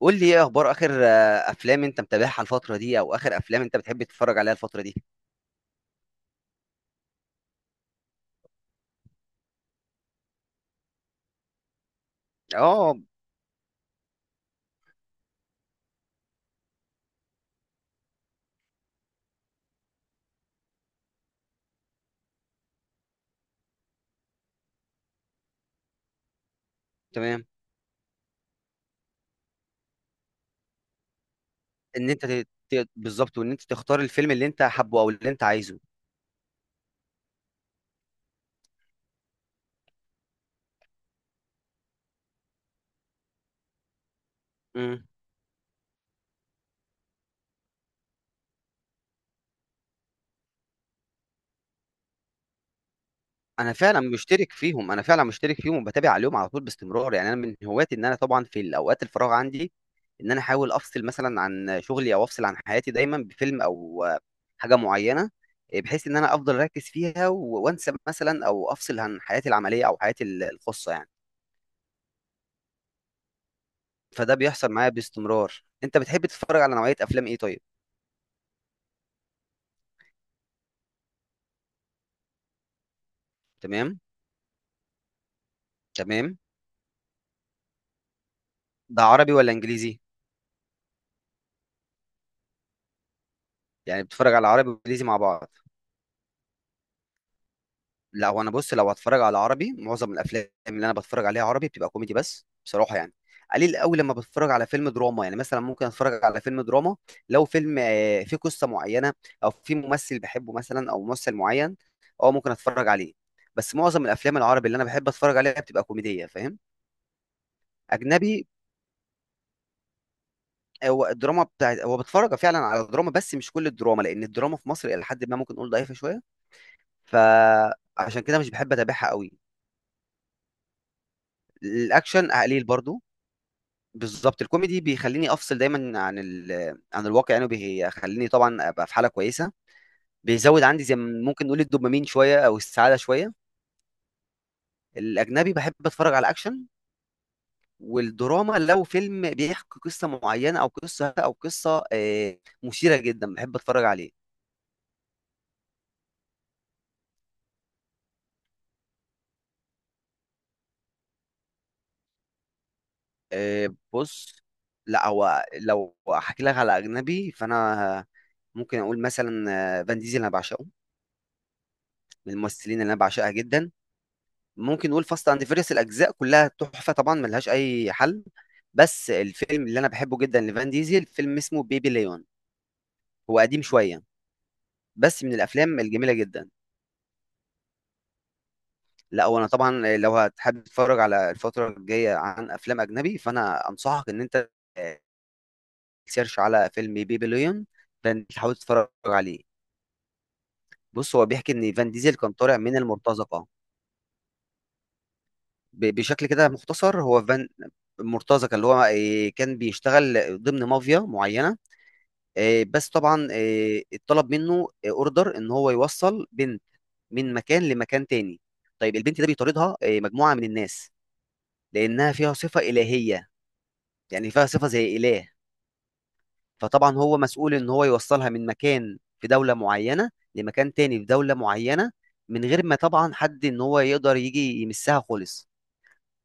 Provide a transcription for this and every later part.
قول لي ايه اخبار اخر افلام انت متابعها الفتره دي او اخر افلام انت بتحب تتفرج عليها الفتره دي. اه. تمام. ان انت ت- ت- بالظبط، وان انت تختار الفيلم اللي انت حابه او اللي انت عايزه. امم انا فعلا مشترك فيهم، وبتابع عليهم على طول باستمرار، يعني انا من هواياتي ان انا طبعا في الاوقات الفراغ عندي ان انا احاول افصل مثلا عن شغلي او افصل عن حياتي دايما بفيلم او حاجه معينه، بحيث ان انا افضل اركز فيها وانسى مثلا او افصل عن حياتي العمليه او حياتي الخاصه يعني. فده بيحصل معايا باستمرار. انت بتحب تتفرج على نوعية افلام ايه طيب؟ تمام. تمام. ده عربي ولا انجليزي؟ يعني بتتفرج على عربي وانجليزي مع بعض؟ لا، وانا بص، لو هتفرج على عربي، معظم الافلام اللي انا بتفرج عليها عربي بتبقى كوميدي بس بصراحة يعني. قليل قوي لما بتفرج على فيلم دراما، يعني مثلا ممكن اتفرج على فيلم دراما لو فيلم فيه قصة معينة، او في ممثل بحبه مثلا او ممثل معين. اه ممكن اتفرج عليه. بس معظم الافلام العربي اللي انا بحب اتفرج عليها بتبقى كوميدية فاهم. اجنبي. هو الدراما بتاعت، هو بتفرج فعلا على دراما بس مش كل الدراما، لان الدراما في مصر الى حد ما ممكن نقول ضعيفه شويه. فعشان كده مش بحب اتابعها قوي. الاكشن قليل برضو. بالظبط، الكوميدي بيخليني افصل دايما عن عن الواقع، يعني بيخليني طبعا ابقى في حاله كويسه. بيزود عندي زي ما ممكن نقول الدوبامين شويه او السعاده شويه. الاجنبي بحب اتفرج على الاكشن، والدراما لو فيلم بيحكي قصه معينه، او قصه مثيره جدا بحب اتفرج عليه. بص، لا هو لو هحكي لك على اجنبي فانا ممكن اقول مثلا فان ديزل انا بعشقه، من الممثلين اللي انا بعشقها جدا. ممكن نقول فاست اند فيريس الاجزاء كلها تحفه طبعا ملهاش اي حل. بس الفيلم اللي انا بحبه جدا لفان ديزل فيلم اسمه بيبي ليون. هو قديم شويه بس من الافلام الجميله جدا. لا وانا طبعا لو هتحب تتفرج على الفتره الجايه عن افلام اجنبي، فانا انصحك ان انت آه، تسيرش على فيلم بيبي ليون. فانت تحاول تتفرج عليه. بص، هو بيحكي ان فان ديزل كان طالع من المرتزقه. بشكل كده مختصر، هو فان المرتزقه، اللي هو كان بيشتغل ضمن مافيا معينه. بس طبعا اتطلب منه اوردر ان هو يوصل بنت من مكان لمكان تاني. طيب البنت ده بيطاردها مجموعه من الناس لانها فيها صفه الهيه، يعني فيها صفه زي اله. فطبعا هو مسؤول ان هو يوصلها من مكان في دوله معينه لمكان تاني في دوله معينه، من غير ما طبعا حد ان هو يقدر يجي يمسها خالص.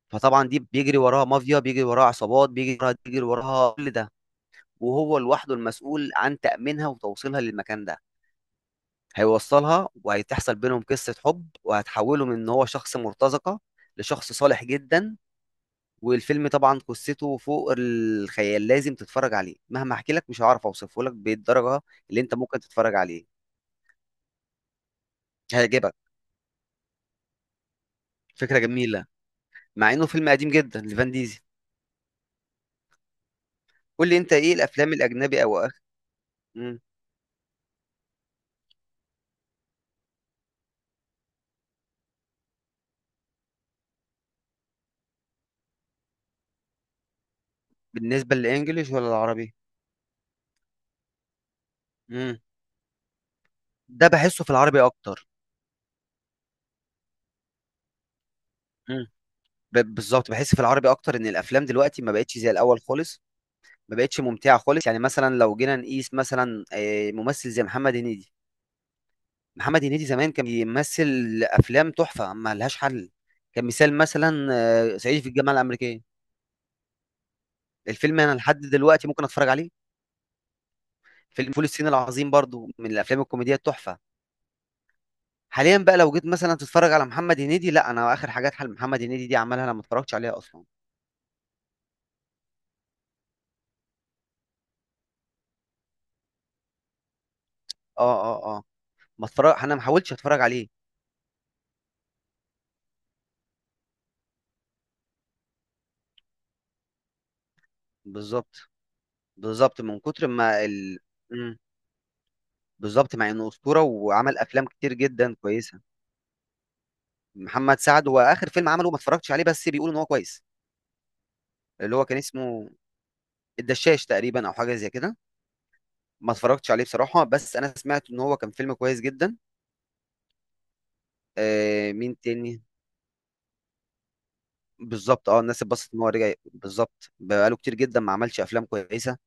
فطبعا دي بيجري وراها مافيا، بيجري وراها عصابات، بيجري وراها، كل ده. وهو لوحده المسؤول عن تأمينها وتوصيلها للمكان ده. هيوصلها وهتحصل بينهم قصة حب، وهتحوله من ان هو شخص مرتزقة لشخص صالح جدا. والفيلم طبعا قصته فوق الخيال، لازم تتفرج عليه. مهما احكي لك مش هعرف اوصفه لك بالدرجة اللي انت ممكن تتفرج عليه. هيعجبك. فكرة جميلة مع انه فيلم قديم جدا لفان ديزل. قول لي انت ايه الافلام الاجنبي مم. بالنسبة للانجليش ولا العربي؟ ده بحسه في العربي اكتر. مم. بالظبط، بحس في العربي اكتر ان الافلام دلوقتي ما بقتش زي الاول خالص. ما بقتش ممتعه خالص. يعني مثلا لو جينا نقيس مثلا ممثل زي محمد هنيدي، محمد هنيدي زمان كان بيمثل افلام تحفه ما لهاش حل. كمثال مثلا صعيدي في الجامعه الامريكيه، الفيلم انا لحد دلوقتي ممكن اتفرج عليه. فيلم فول الصين العظيم برضو من الافلام الكوميديه التحفه. حاليا بقى لو جيت مثلا تتفرج على محمد هنيدي، لا انا اخر حاجات حل محمد هنيدي دي عملها انا ما اتفرجتش عليها اصلا. اه اه اه. ما اتفرج، انا ما حاولتش اتفرج عليه. بالظبط. بالظبط من كتر ما مم. بالظبط، مع انه اسطوره وعمل افلام كتير جدا كويسه. محمد سعد هو اخر فيلم عمله ما اتفرجتش عليه بس بيقولوا ان هو كويس، اللي هو كان اسمه الدشاش تقريبا او حاجه زي كده. ما اتفرجتش عليه بصراحه، بس انا سمعت ان هو كان فيلم كويس جدا. آه مين تاني. بالظبط، اه الناس اتبسطت ان هو رجع، بالظبط بقاله كتير جدا ما عملش افلام كويسه.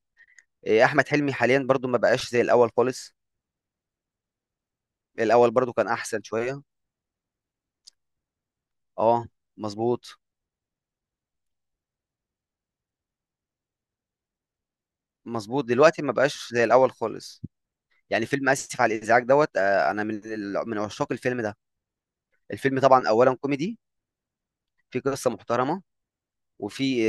آه احمد حلمي حاليا برضو ما بقاش زي الاول خالص. الاول برضو كان احسن شويه. اه مظبوط. مظبوط، دلوقتي ما بقاش زي الاول خالص. يعني فيلم اسف على الازعاج دوت انا من من عشاق الفيلم ده. الفيلم طبعا اولا كوميدي، في قصه محترمه، وفي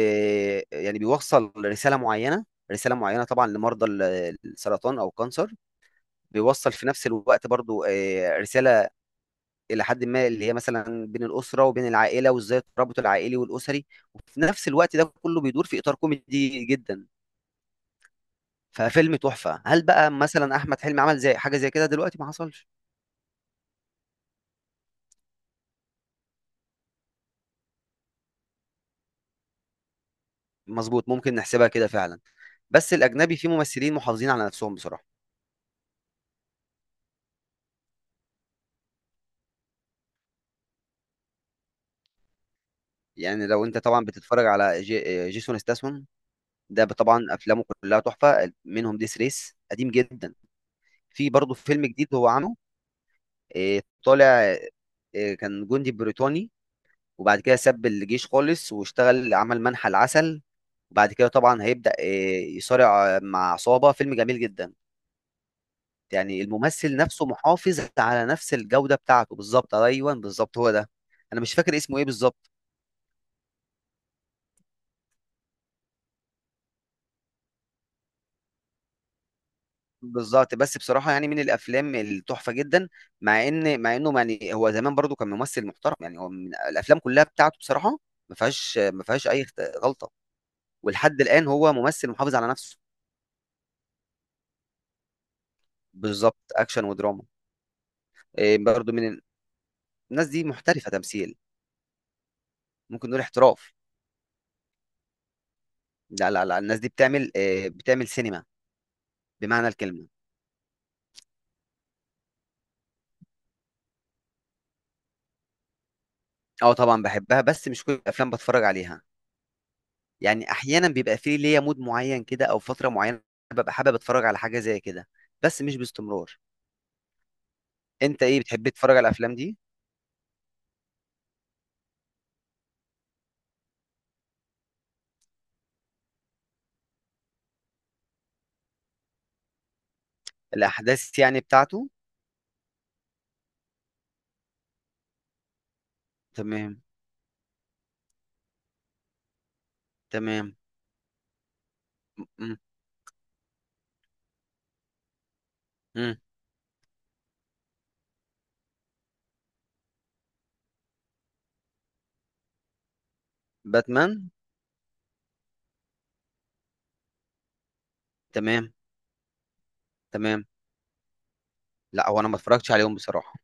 يعني بيوصل رساله معينه، رساله معينه طبعا لمرضى السرطان او الكانسر. بيوصل في نفس الوقت برضو رساله الى حد ما اللي هي مثلا بين الاسره وبين العائله، وازاي الترابط العائلي والاسري، وفي نفس الوقت ده كله بيدور في اطار كوميدي جدا. ففيلم تحفه. هل بقى مثلا احمد حلمي عمل زي حاجه زي كده دلوقتي؟ ما حصلش. مظبوط، ممكن نحسبها كده فعلا. بس الاجنبي فيه ممثلين محافظين على نفسهم بصراحه. يعني لو انت طبعا بتتفرج على جي... آه، جيسون ستاثام، ده طبعا افلامه كلها تحفه، منهم ديس ريس قديم جدا. في برضه فيلم جديد هو عامله، طالع، كان جندي بريطاني وبعد كده ساب الجيش خالص واشتغل عمل منحى العسل، وبعد كده طبعا هيبدأ يصارع مع عصابة. فيلم جميل جدا. يعني الممثل نفسه محافظ على نفس الجودة بتاعته. بالظبط، ايوه بالظبط هو ده. انا مش فاكر اسمه ايه بالظبط. بالظبط، بس بصراحة يعني من الافلام التحفة جدا. مع انه يعني هو زمان برضو كان ممثل محترم، يعني هو من الافلام كلها بتاعته بصراحة ما فيهاش اي غلطة. ولحد الان هو ممثل محافظ على نفسه. بالظبط، اكشن ودراما. برضو من الناس دي محترفة تمثيل. ممكن نقول احتراف. لا لا لا، الناس دي بتعمل إيه، بتعمل سينما بمعنى الكلمة. اه طبعا بحبها بس مش كل الافلام بتفرج عليها. يعني احيانا بيبقى في ليا مود معين كده او فتره معينه ببقى حابب اتفرج على حاجه زي كده، بس مش باستمرار. انت ايه بتحب تتفرج على الافلام دي؟ الاحداث يعني بتاعته. تمام. تمام. م- م- م. باتمان. تمام. تمام. لا هو انا ما اتفرجتش عليهم بصراحه.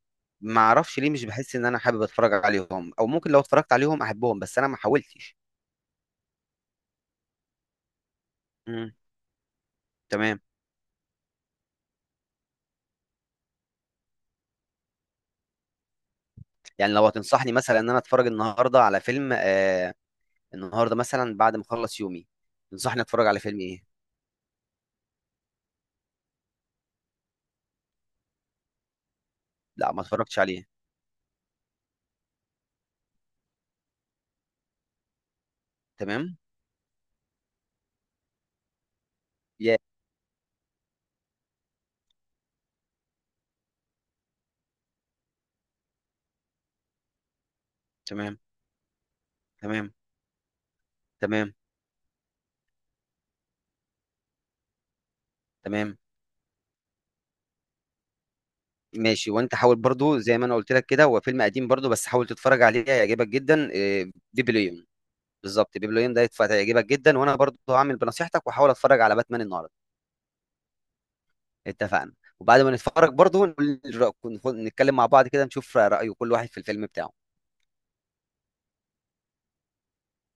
ما اعرفش ليه، مش بحس ان انا حابب اتفرج عليهم، او ممكن لو اتفرجت عليهم احبهم بس انا ما حاولتش. م. تمام. يعني لو هتنصحني مثلا ان انا اتفرج النهارده على فيلم آه، النهارده مثلا بعد ما اخلص يومي، تنصحني اتفرج على فيلم ايه؟ لا ما اتفرجتش عليه. تمام. يا. تمام. تمام. تمام. تمام. ماشي، وانت حاول برضو زي ما انا قلت لك كده، هو فيلم قديم برضو بس حاول تتفرج عليه هيعجبك جدا، بيبليون. بالظبط، بيبليون ده هيعجبك جدا، وانا برضو هعمل بنصيحتك واحاول اتفرج على باتمان النهارده. اتفقنا. وبعد ما نتفرج برضو نتكلم مع بعض كده، نشوف رأي كل واحد في الفيلم بتاعه.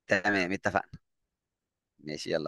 تمام اتفقنا. ماشي يلا.